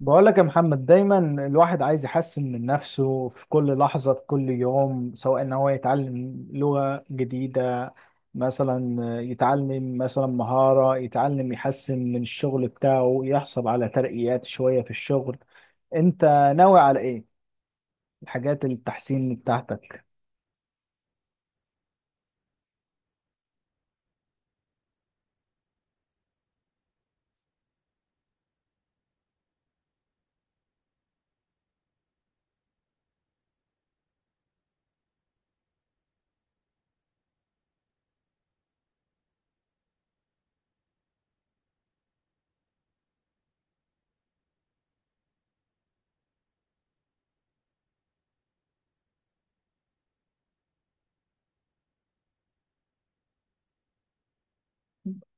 بقول لك يا محمد دايما الواحد عايز يحسن من نفسه في كل لحظة في كل يوم، سواء ان هو يتعلم لغة جديدة مثلا، يتعلم مثلا مهارة، يتعلم يحسن من الشغل بتاعه، يحصل على ترقيات شوية في الشغل. انت ناوي على ايه الحاجات التحسين بتاعتك؟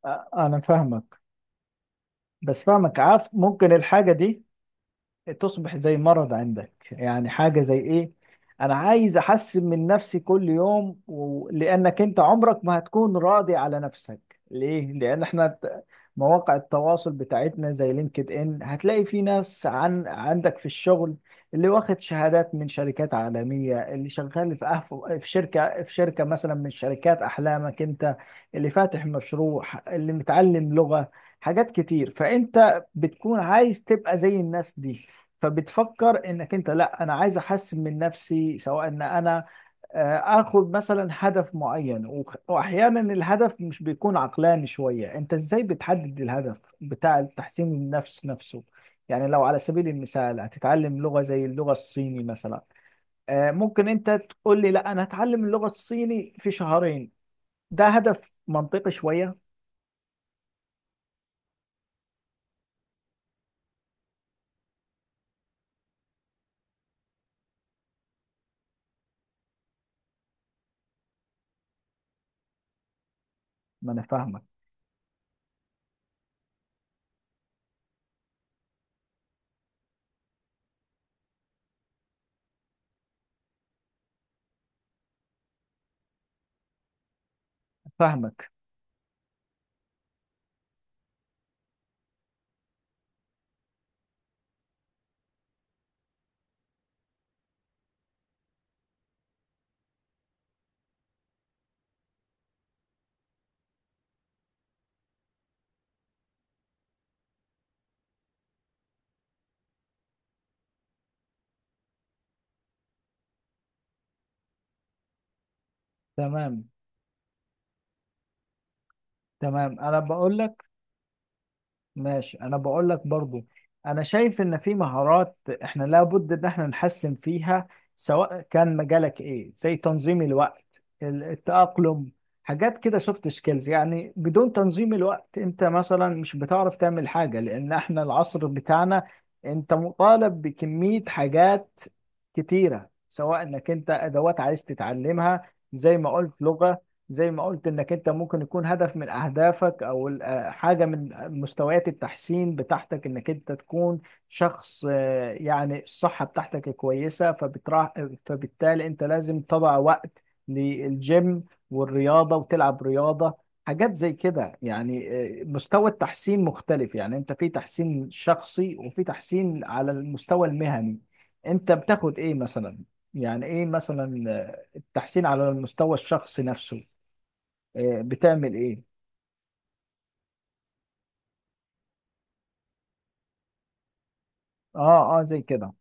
انا فاهمك، بس فاهمك. عارف ممكن الحاجة دي تصبح زي مرض عندك، يعني حاجة زي ايه. انا عايز احسن من نفسي كل يوم. لانك انت عمرك ما هتكون راضي على نفسك، ليه؟ لان احنا مواقع التواصل بتاعتنا زي لينكد ان، هتلاقي في ناس عندك في الشغل اللي واخد شهادات من شركات عالمية، اللي شغال في في شركة، في شركة مثلا من شركات احلامك انت، اللي فاتح مشروع، اللي متعلم لغة، حاجات كتير. فانت بتكون عايز تبقى زي الناس دي، فبتفكر انك انت، لا انا عايز احسن من نفسي. سواء ان انا اخد مثلا هدف معين واحيانا الهدف مش بيكون عقلاني شوية. انت ازاي بتحدد الهدف بتاع تحسين النفس نفسه؟ يعني لو على سبيل المثال هتتعلم لغة زي اللغة الصيني مثلا، ممكن انت تقول لي لا انا هتعلم اللغة الصيني في شهرين، ده هدف منطقي شوية؟ ما انا فاهمك، فاهمك. تمام، تمام، انا بقول لك، ماشي. انا بقول لك برضو، انا شايف ان في مهارات احنا لابد ان احنا نحسن فيها، سواء كان مجالك ايه، زي تنظيم الوقت، التأقلم، حاجات كده، سوفت سكيلز يعني. بدون تنظيم الوقت انت مثلا مش بتعرف تعمل حاجة، لان احنا العصر بتاعنا انت مطالب بكمية حاجات كتيرة، سواء انك انت ادوات عايز تتعلمها زي ما قلت لغة، زي ما قلت انك انت ممكن يكون هدف من اهدافك، او حاجه من مستويات التحسين بتاعتك، انك انت تكون شخص يعني الصحه بتاعتك كويسه فبترا، فبالتالي انت لازم تضع وقت للجيم والرياضه وتلعب رياضه، حاجات زي كده يعني. مستوى التحسين مختلف، يعني انت في تحسين شخصي وفي تحسين على المستوى المهني. انت بتاخد ايه مثلا؟ يعني ايه مثلا التحسين على المستوى الشخصي نفسه، بتعمل ايه؟ اه زي كده.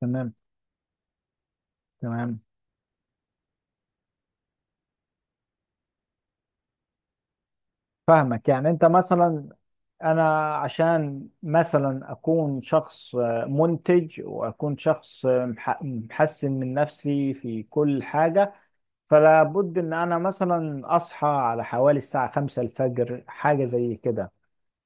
تمام، تمام، فاهمك. يعني انت مثلا، انا عشان مثلا اكون شخص منتج، واكون شخص محسن من نفسي في كل حاجة، فلا بد ان انا مثلا اصحى على حوالي الساعة 5 الفجر، حاجة زي كده.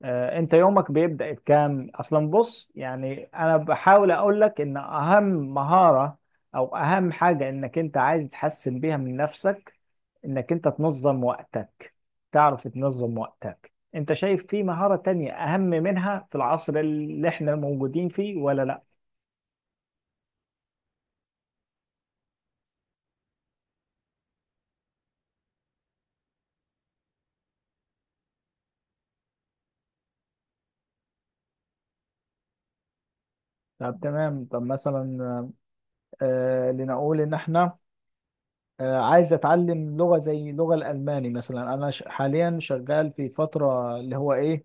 انت يومك بيبدأ بكام اصلا؟ بص، يعني انا بحاول اقول لك ان اهم مهارة او اهم حاجة انك انت عايز تحسن بيها من نفسك انك انت تنظم وقتك. تعرف تنظم وقتك؟ انت شايف في مهارة تانية اهم منها في العصر اللي احنا موجودين فيه ولا لا؟ طب تمام. طب مثلا لنقول ان احنا، عايز اتعلم لغة زي اللغة الألماني مثلا. انا حاليا شغال في فترة اللي هو ايه،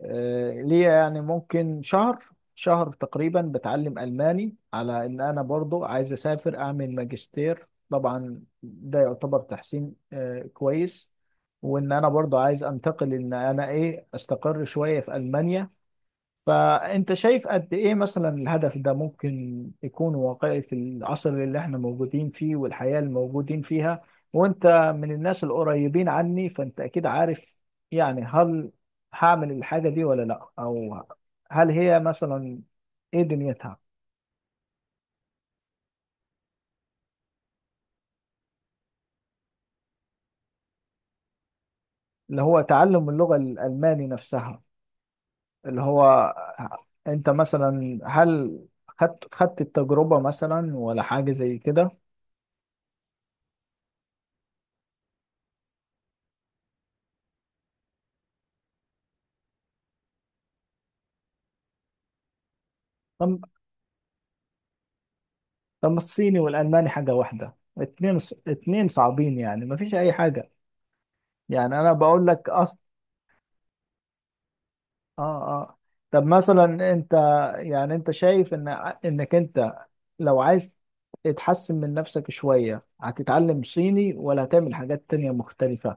ليا يعني ممكن شهر تقريبا بتعلم ألماني، على إن أنا برضو عايز أسافر أعمل ماجستير. طبعا ده يعتبر تحسين كويس، وإن أنا برضو عايز أنتقل، إن أنا إيه، أستقر شوية في ألمانيا. فأنت شايف قد إيه مثلا الهدف ده ممكن يكون واقعي في العصر اللي إحنا موجودين فيه والحياة اللي موجودين فيها؟ وأنت من الناس القريبين عني فأنت أكيد عارف، يعني هل هعمل الحاجة دي ولا لأ، أو هل هي مثلا إيه دنيتها؟ اللي هو تعلم اللغة الألماني نفسها. اللي هو أنت مثلا هل خدت التجربة مثلا ولا حاجة زي كده؟ طب، طب ما الصيني والالماني حاجه واحده، اتنين، اتنين صعبين، يعني ما فيش اي حاجه. يعني انا بقول لك. اه، اه، طب مثلا انت، يعني انت شايف ان انك انت لو عايز تحسن من نفسك شوية هتتعلم صيني ولا هتعمل حاجات تانية مختلفة؟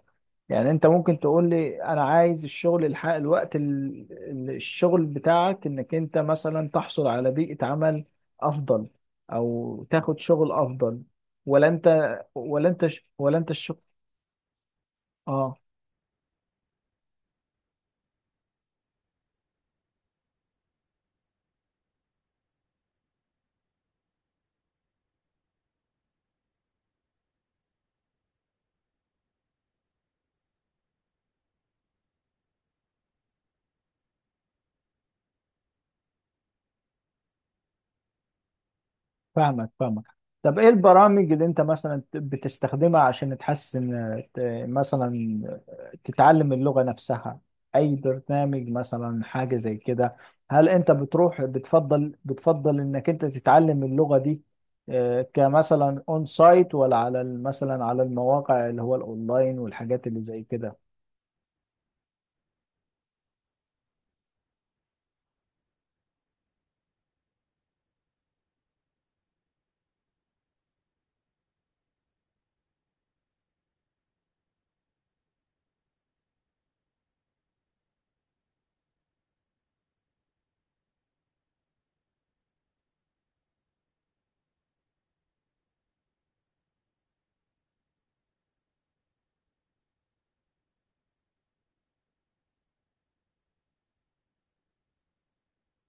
يعني انت ممكن تقول لي انا عايز الشغل، الحق الوقت الشغل بتاعك، انك انت مثلا تحصل على بيئة عمل افضل او تاخد شغل افضل، ولا انت الشغل. اه، فاهمك، فاهمك. طب ايه البرامج اللي انت مثلا بتستخدمها عشان تحسن، ت- مثلا تتعلم اللغة نفسها؟ اي برنامج مثلا، حاجة زي كده. هل انت بتروح، بتفضل انك انت تتعلم اللغة دي كمثلا اون سايت، ولا على مثلا على المواقع اللي هو الاونلاين والحاجات اللي زي كده؟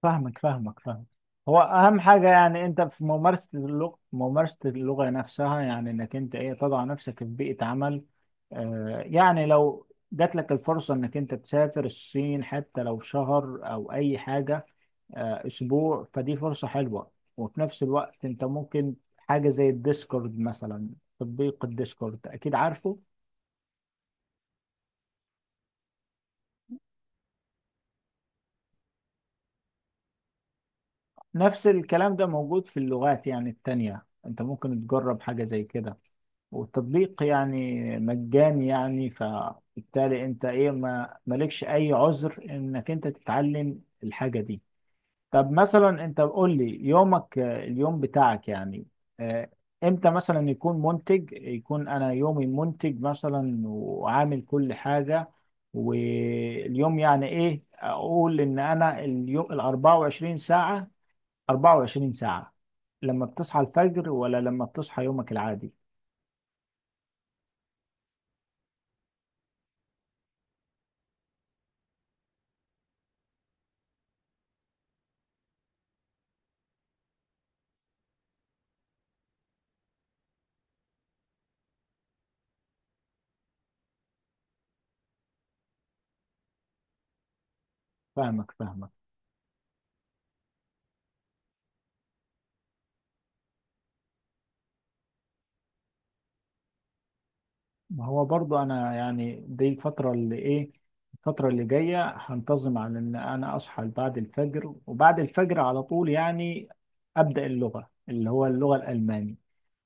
فاهمك، فاهمك، فاهمك. هو اهم حاجه يعني انت في ممارسه اللغه، ممارسه اللغه نفسها، يعني انك انت ايه تضع نفسك في بيئه عمل. آه، يعني لو جات لك الفرصه انك انت تسافر الصين حتى لو شهر او اي حاجه، آه، اسبوع، فدي فرصه حلوه. وفي نفس الوقت انت ممكن حاجه زي الديسكورد مثلا، تطبيق الديسكورد اكيد عارفه. نفس الكلام ده موجود في اللغات يعني التانية، انت ممكن تجرب حاجه زي كده. والتطبيق يعني مجاني يعني، فبالتالي انت ايه ما مالكش اي عذر انك انت تتعلم الحاجة دي. طب مثلا انت قول لي يومك، اليوم بتاعك يعني آه، امتى مثلا يكون منتج؟ يكون انا يومي منتج مثلا وعامل كل حاجة. واليوم يعني ايه؟ اقول ان انا اليوم ال 24 ساعة، 24 ساعة، لما بتصحى الفجر ولا لما بتصحى يومك العادي؟ فاهمك، فاهمك. ما هو برضه انا يعني دي الفتره اللي ايه، الفتره اللي جايه هنتظم على ان انا اصحى بعد الفجر، وبعد الفجر على طول يعني ابدا اللغه اللي هو اللغه الالماني،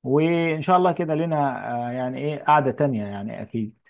وان شاء الله كده لنا يعني ايه قعده تانية يعني اكيد.